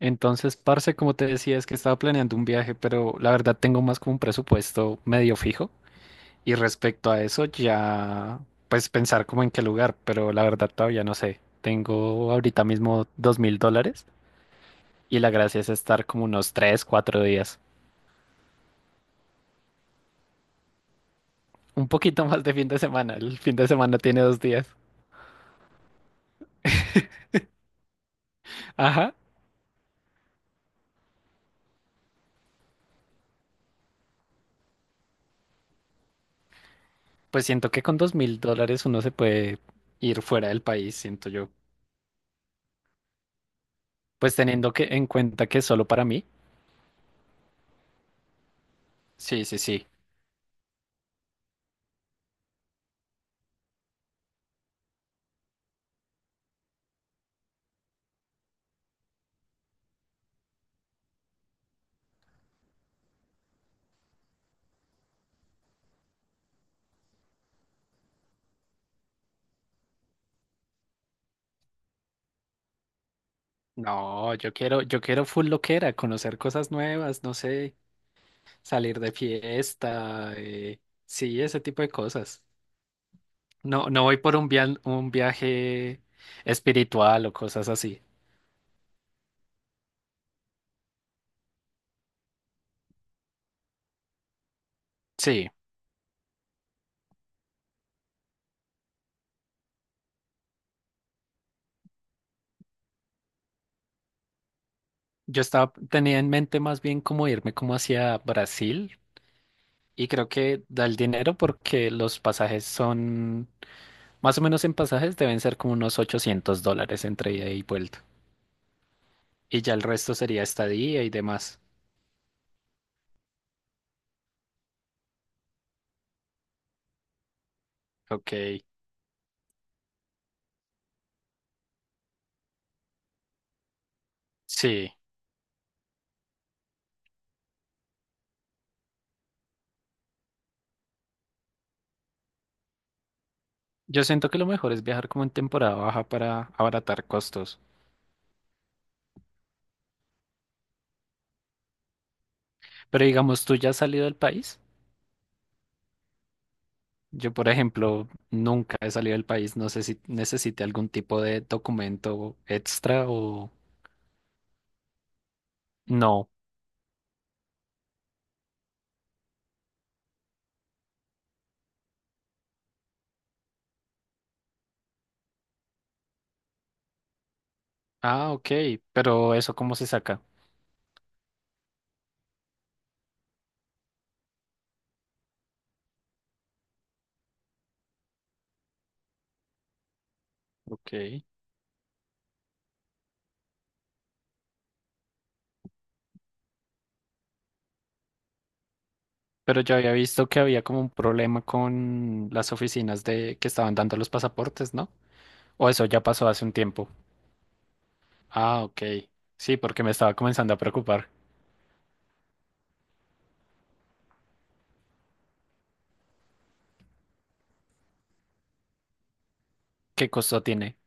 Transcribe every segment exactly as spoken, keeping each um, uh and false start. Entonces, parce, como te decía, es que estaba planeando un viaje, pero la verdad tengo más como un presupuesto medio fijo. Y respecto a eso, ya pues pensar como en qué lugar, pero la verdad todavía no sé. Tengo ahorita mismo dos mil dólares y la gracia es estar como unos tres, cuatro días. Un poquito más de fin de semana. El fin de semana tiene dos días. Ajá. Pues siento que con dos mil dólares uno se puede ir fuera del país, siento yo. Pues teniendo que en cuenta que es solo para mí. Sí, sí, sí. No, yo quiero, yo quiero full loquera, conocer cosas nuevas, no sé, salir de fiesta, eh, sí, ese tipo de cosas. No, no voy por un via- un viaje espiritual o cosas así. Sí, yo estaba, tenía en mente más bien como irme como hacia Brasil y creo que da el dinero porque los pasajes son, más o menos en pasajes deben ser como unos ochocientos dólares entre ida y vuelta. Y ya el resto sería estadía y demás. Ok, sí. Yo siento que lo mejor es viajar como en temporada baja para abaratar costos. Pero digamos, ¿tú ya has salido del país? Yo, por ejemplo, nunca he salido del país. No sé si necesite algún tipo de documento extra o no. Ah, ok. Pero eso cómo se saca. Ok. Pero yo había visto que había como un problema con las oficinas de que estaban dando los pasaportes, ¿no? O eso ya pasó hace un tiempo. Ah, ok. Sí, porque me estaba comenzando a preocupar. ¿Qué costo tiene?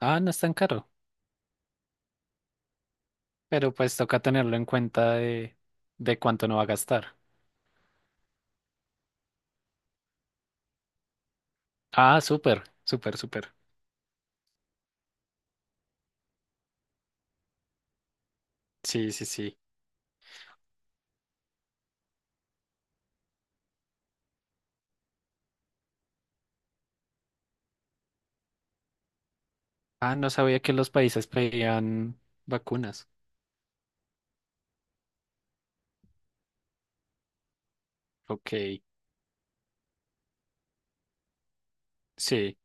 Ah, no es tan caro. Pero pues toca tenerlo en cuenta de, de cuánto no va a gastar. Ah, súper, súper, súper. Sí, sí, sí. Ah, no sabía que los países pedían vacunas. Ok, sí,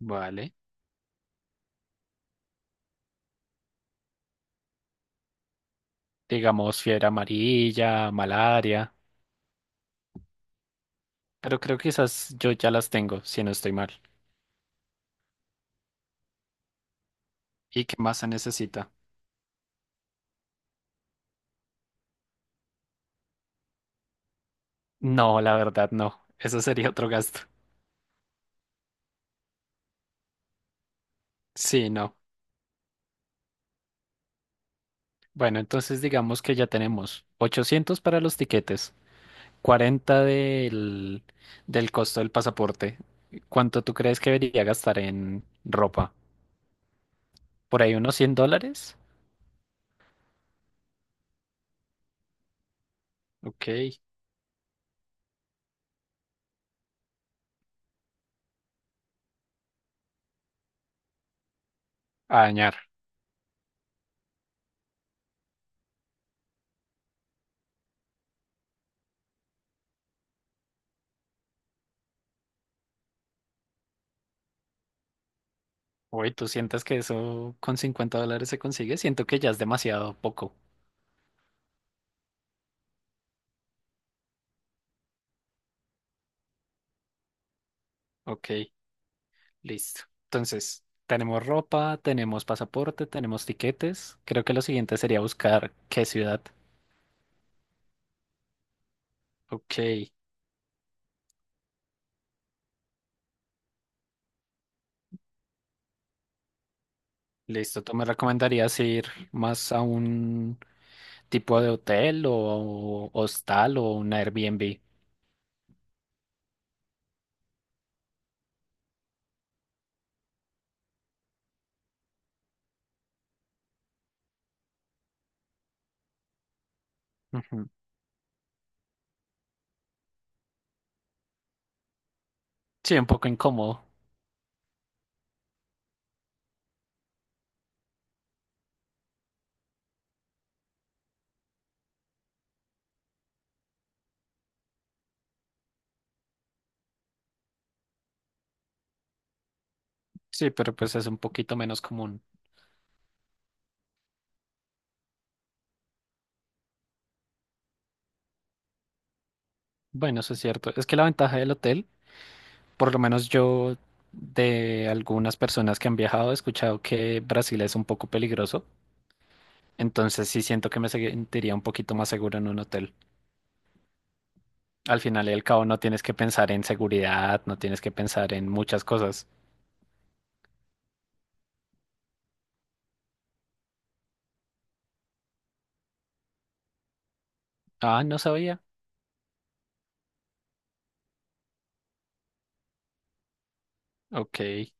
vale. Digamos fiebre amarilla, malaria. Pero creo que esas yo ya las tengo, si no estoy mal. ¿Y qué más se necesita? No, la verdad no. Eso sería otro gasto. Sí, no. Bueno, entonces digamos que ya tenemos ochocientos para los tiquetes. Cuarenta del, del costo del pasaporte. ¿Cuánto tú crees que debería gastar en ropa? ¿Por ahí unos cien dólares? Ok, a dañar. Uy, ¿tú sientes que eso con cincuenta dólares se consigue? Siento que ya es demasiado poco. Ok, listo. Entonces, tenemos ropa, tenemos pasaporte, tenemos tiquetes. Creo que lo siguiente sería buscar qué ciudad. Ok, listo. ¿Tú me recomendarías ir más a un tipo de hotel o hostal o un Airbnb. Ujú. Sí, un poco incómodo. Sí, pero pues es un poquito menos común. Bueno, eso es cierto. Es que la ventaja del hotel, por lo menos yo de algunas personas que han viajado he escuchado que Brasil es un poco peligroso. Entonces sí siento que me sentiría un poquito más seguro en un hotel. Al final y al cabo no tienes que pensar en seguridad, no tienes que pensar en muchas cosas. Ah, no sabía. Ok.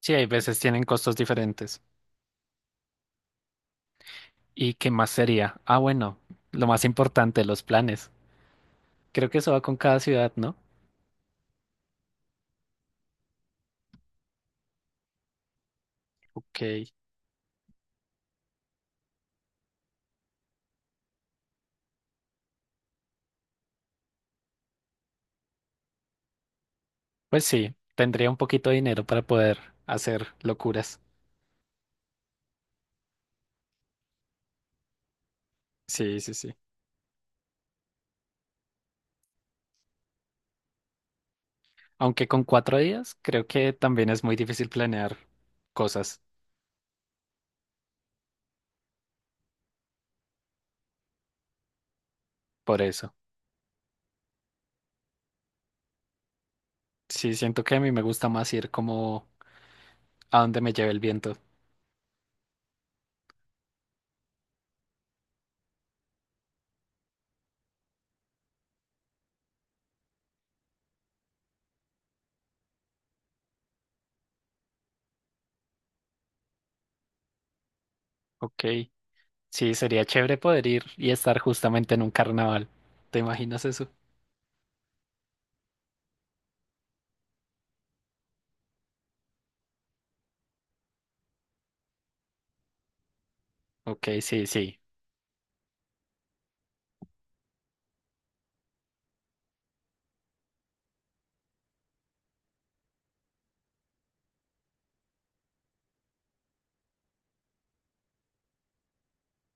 Sí, hay veces tienen costos diferentes. ¿Y qué más sería? Ah, bueno, lo más importante, los planes. Creo que eso va con cada ciudad, ¿no? Ok. Pues sí, tendría un poquito de dinero para poder hacer locuras. Sí, sí, sí. Aunque con cuatro días, creo que también es muy difícil planear cosas por eso. Sí, siento que a mí me gusta más ir como a donde me lleve el viento. Ok. Sí, sería chévere poder ir y estar justamente en un carnaval. ¿Te imaginas eso? Ok, sí, sí.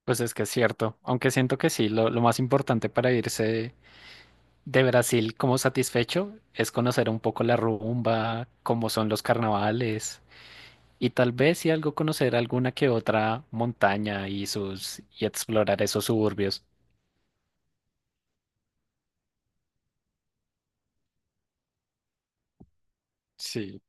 Pues es que es cierto, aunque siento que sí, lo, lo más importante para irse de Brasil como satisfecho es conocer un poco la rumba, cómo son los carnavales y tal vez si algo conocer alguna que otra montaña y sus y explorar esos suburbios. Sí.